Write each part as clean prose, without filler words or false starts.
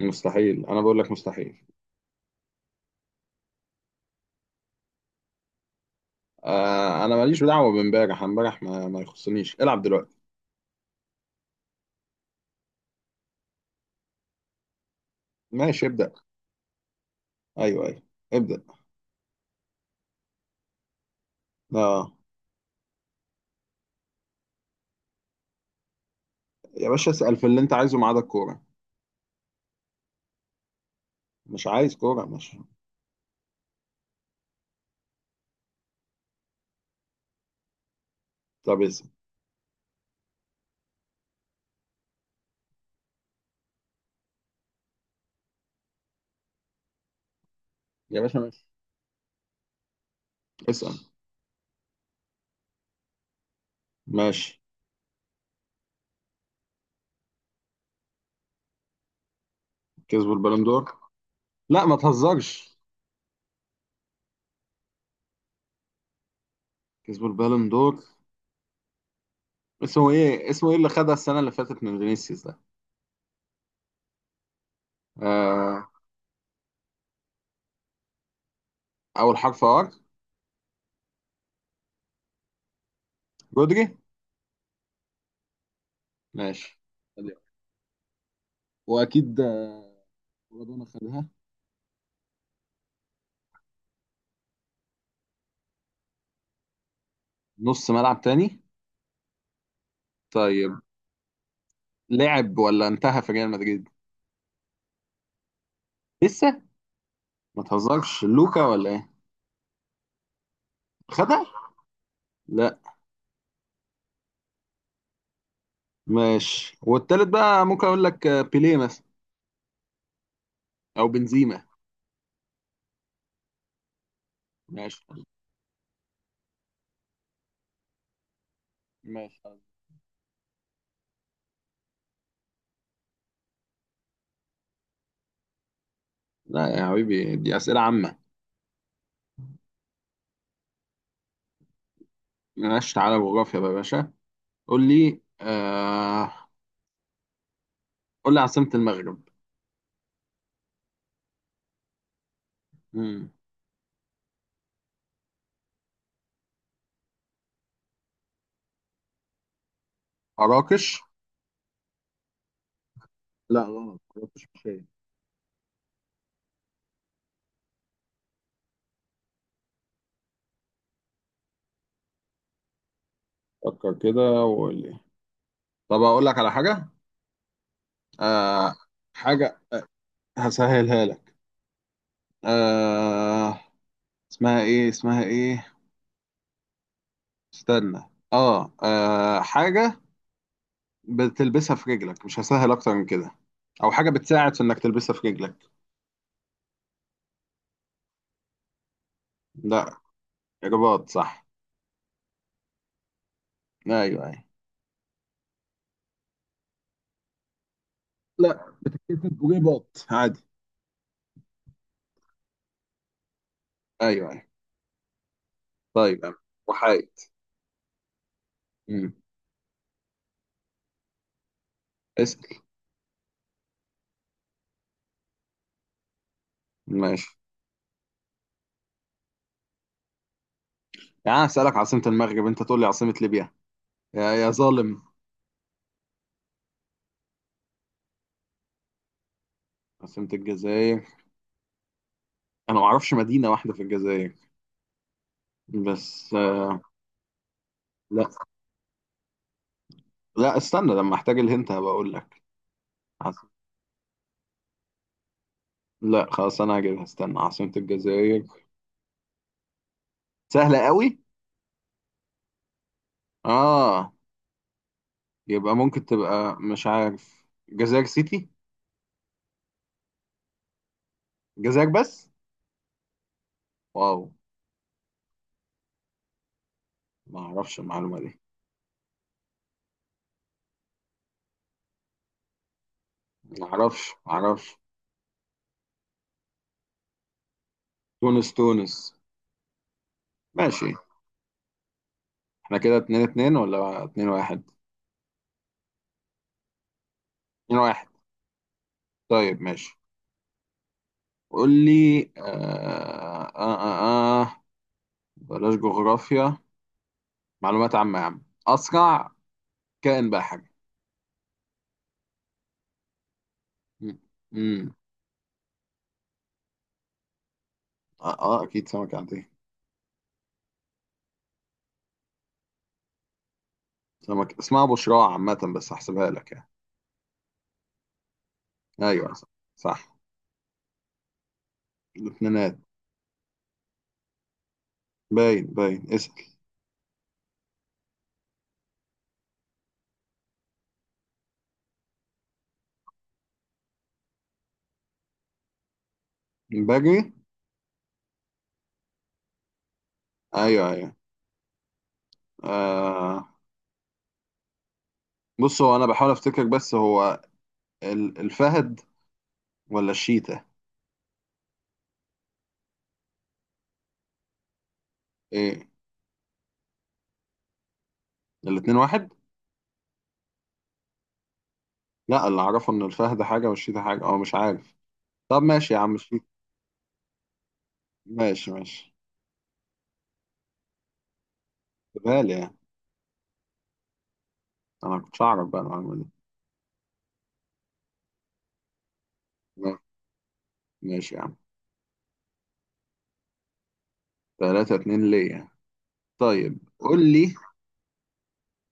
مستحيل. انا بقول لك مستحيل. آه، انا ماليش دعوه بامبارح. امبارح ما يخصنيش. العب دلوقتي. ماشي ابدا. ايوه ايوه. ابدا. اه يا باشا، اسال في اللي انت عايزه ما عدا الكوره. مش عايز كوره، ماشي. طب اسال. يا باشا ماشي. اسال. ماشي. كسبوا البالون دور. لا ما تهزرش. كسبوا البالون دور. اسمه ايه؟ اسمه ايه اللي خدها السنه اللي فاتت من فينيسيوس ده؟ آه. اول حرف ار. رودري. ماشي، واكيد ربنا خدها. نص ملعب تاني. طيب، لعب ولا انتهى في ريال مدريد؟ لسه. ما تهزرش، لوكا ولا ايه؟ خدها. لا. ماشي. والتالت بقى ممكن اقول لك بيليه مثلا او بنزيما. ماشي ماشي. لا يا حبيبي، دي اسئله عامه. ماشي. تعالى جغرافيا بقى يا باشا. قول لي. قول لي عاصمه المغرب. مم. مراكش. لا غلط، مراكش مش هي. فكر كده وقول لي. طب اقول لك على حاجه. آه... حاجه هسهلها لك. آه... اسمها ايه؟ اسمها ايه؟ استنى. حاجة بتلبسها في رجلك. مش هسهل أكتر من كده. أو حاجة بتساعد في إنك تلبسها في رجلك. لا. رباط صح. أيوه أيوه. لا. رباط عادي. أيوه أيوه. طيب. وحايد. مم. اسأل. ماشي يعني؟ أنا هسألك عاصمة المغرب أنت تقول لي عاصمة ليبيا؟ يا يا ظالم. عاصمة الجزائر. أنا ما أعرفش مدينة واحدة في الجزائر. بس آه. لا لا، استنى لما أحتاج الهنت هبقى أقول لك. عاصمة- لا خلاص، أنا هجيبها. استنى، عاصمة الجزائر. سهلة قوي. اه. يبقى ممكن تبقى مش عارف جزائر سيتي. جزائر بس. واو. ما اعرفش المعلومة دي. ما اعرفش ما اعرفش. تونس تونس. ماشي. احنا كده اتنين اتنين ولا اتنين واحد؟ اتنين واحد. طيب ماشي. قول لي. آه. آه. بلاش جغرافيا. معلومات عامة يا عم أسرع. كائن بحري. مم. مم. آه أكيد سمكة عندي. سمكة اسمها بشراع عامة، بس هحسبها لك يعني. أيوه صح. صح. الاثنينات. باين باين. اسأل. بجري. ايوه ايوه. آه. بص، هو انا بحاول افتكر، بس هو الفهد ولا الشيتا. ايه. الاتنين واحد. لا، اللي اعرفه ان الفهد حاجة والشيتا حاجة، او مش عارف. طب ماشي يا عم، الشيتا. ماشي ماشي. بالي يعني. انا كنتش اعرف بقى المعلومة دي. ما- ماشي يا عم. تلاتة اتنين ليا. طيب قول لي.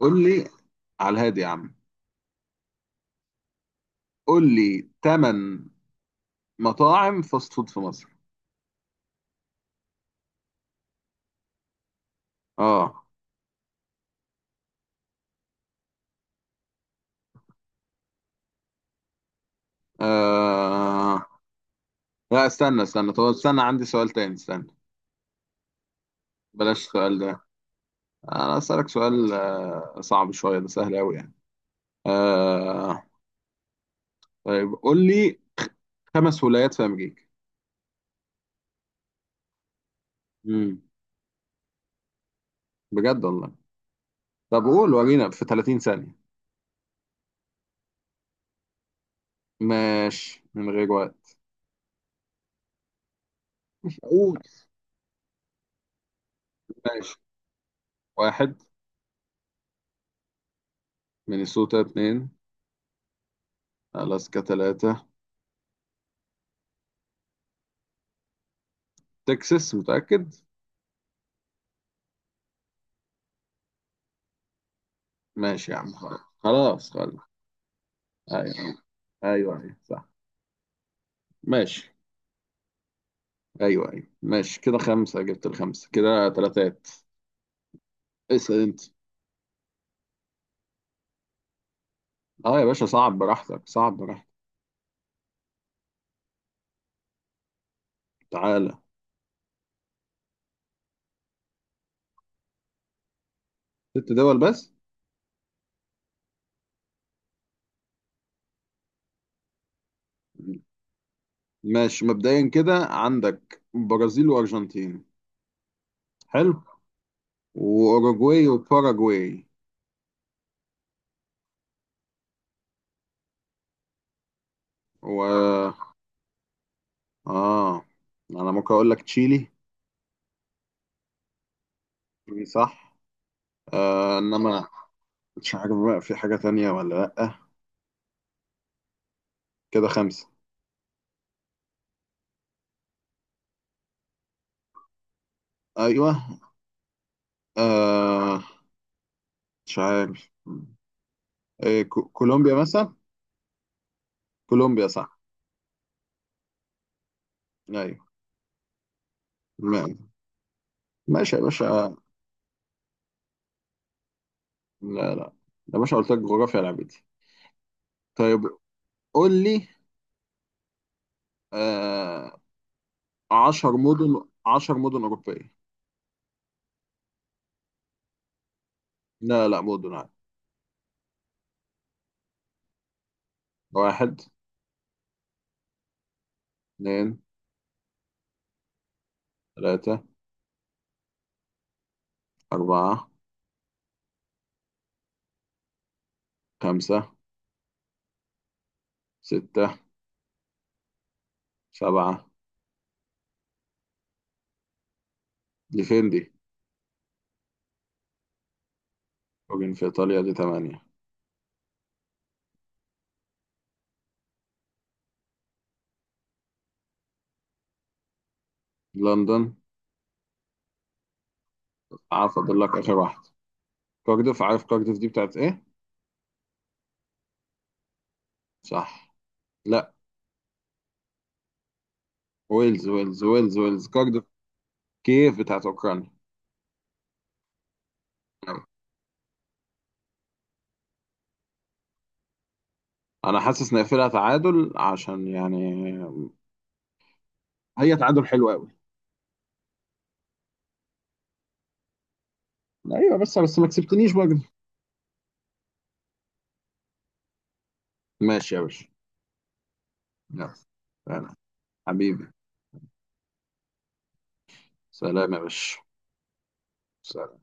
قول لي على الهادي يا عم. قول لي تمن مطاعم فاست فود في مصر. اه, آه. لا استنى استنى، طب استنى، عندي سؤال تاني، استنى. بلاش السؤال ده. انا اسالك سؤال صعب شويه. ده سهل قوي يعني. آه. طيب قول لي خمس ولايات في امريكا. امم بجد والله. طب قول، ورينا في 30 ثانيه. ماشي من غير وقت. قول. ماشي. واحد. مينيسوتا، اتنين. الاسكا، تلاتة. تكساس، متاكد. ماشي يا عم، خلاص خلاص خلاص. ايوه ايوه. ايوه صح. ماشي. ايوه ايوه. ماشي كده، خمسه جبت الخمسه، كده تلاتات. اسأل انت. اه يا باشا، صعب براحتك صعب براحتك. تعالى. ست دول بس. ماشي. مبدئيا كده عندك برازيل وارجنتين. حلو. واوروجواي وباراجواي. و اه انا ممكن اقول لك تشيلي. صح. آه انما مش عارف بقى في حاجة تانية ولا لأ. كده خمسة. ايوه. آه. مش عارف. إيه، كولومبيا مثلا. كولومبيا صح. ايوه. ما- ماشي يا باشا. لا لا. يا باشا قلت لك جغرافيا لعبتي. طيب قول لي. آه. 10 مدن، عشر مدن أوروبية. لا لا، مدن عادي. واحد. اتنين. تلاتة. أربعة. خمسة. ستة. سبعة. دي فين دي؟ فوجن في إيطاليا، دي تمانية. لندن. عارف أقول لك آخر واحد. كارديف. عارف كارديف دي بتاعت إيه؟ صح. لا. ويلز ويلز ويلز ويلز كارديف. كيف بتاعت أوكرانيا. أنا حاسس نقفلها تعادل عشان يعني. هي تعادل حلو قوي. ايوه بس بس ما كسبتنيش بقى. ماشي يا باشا. يلا. انا. حبيبي. سلام يا باشا. سلام.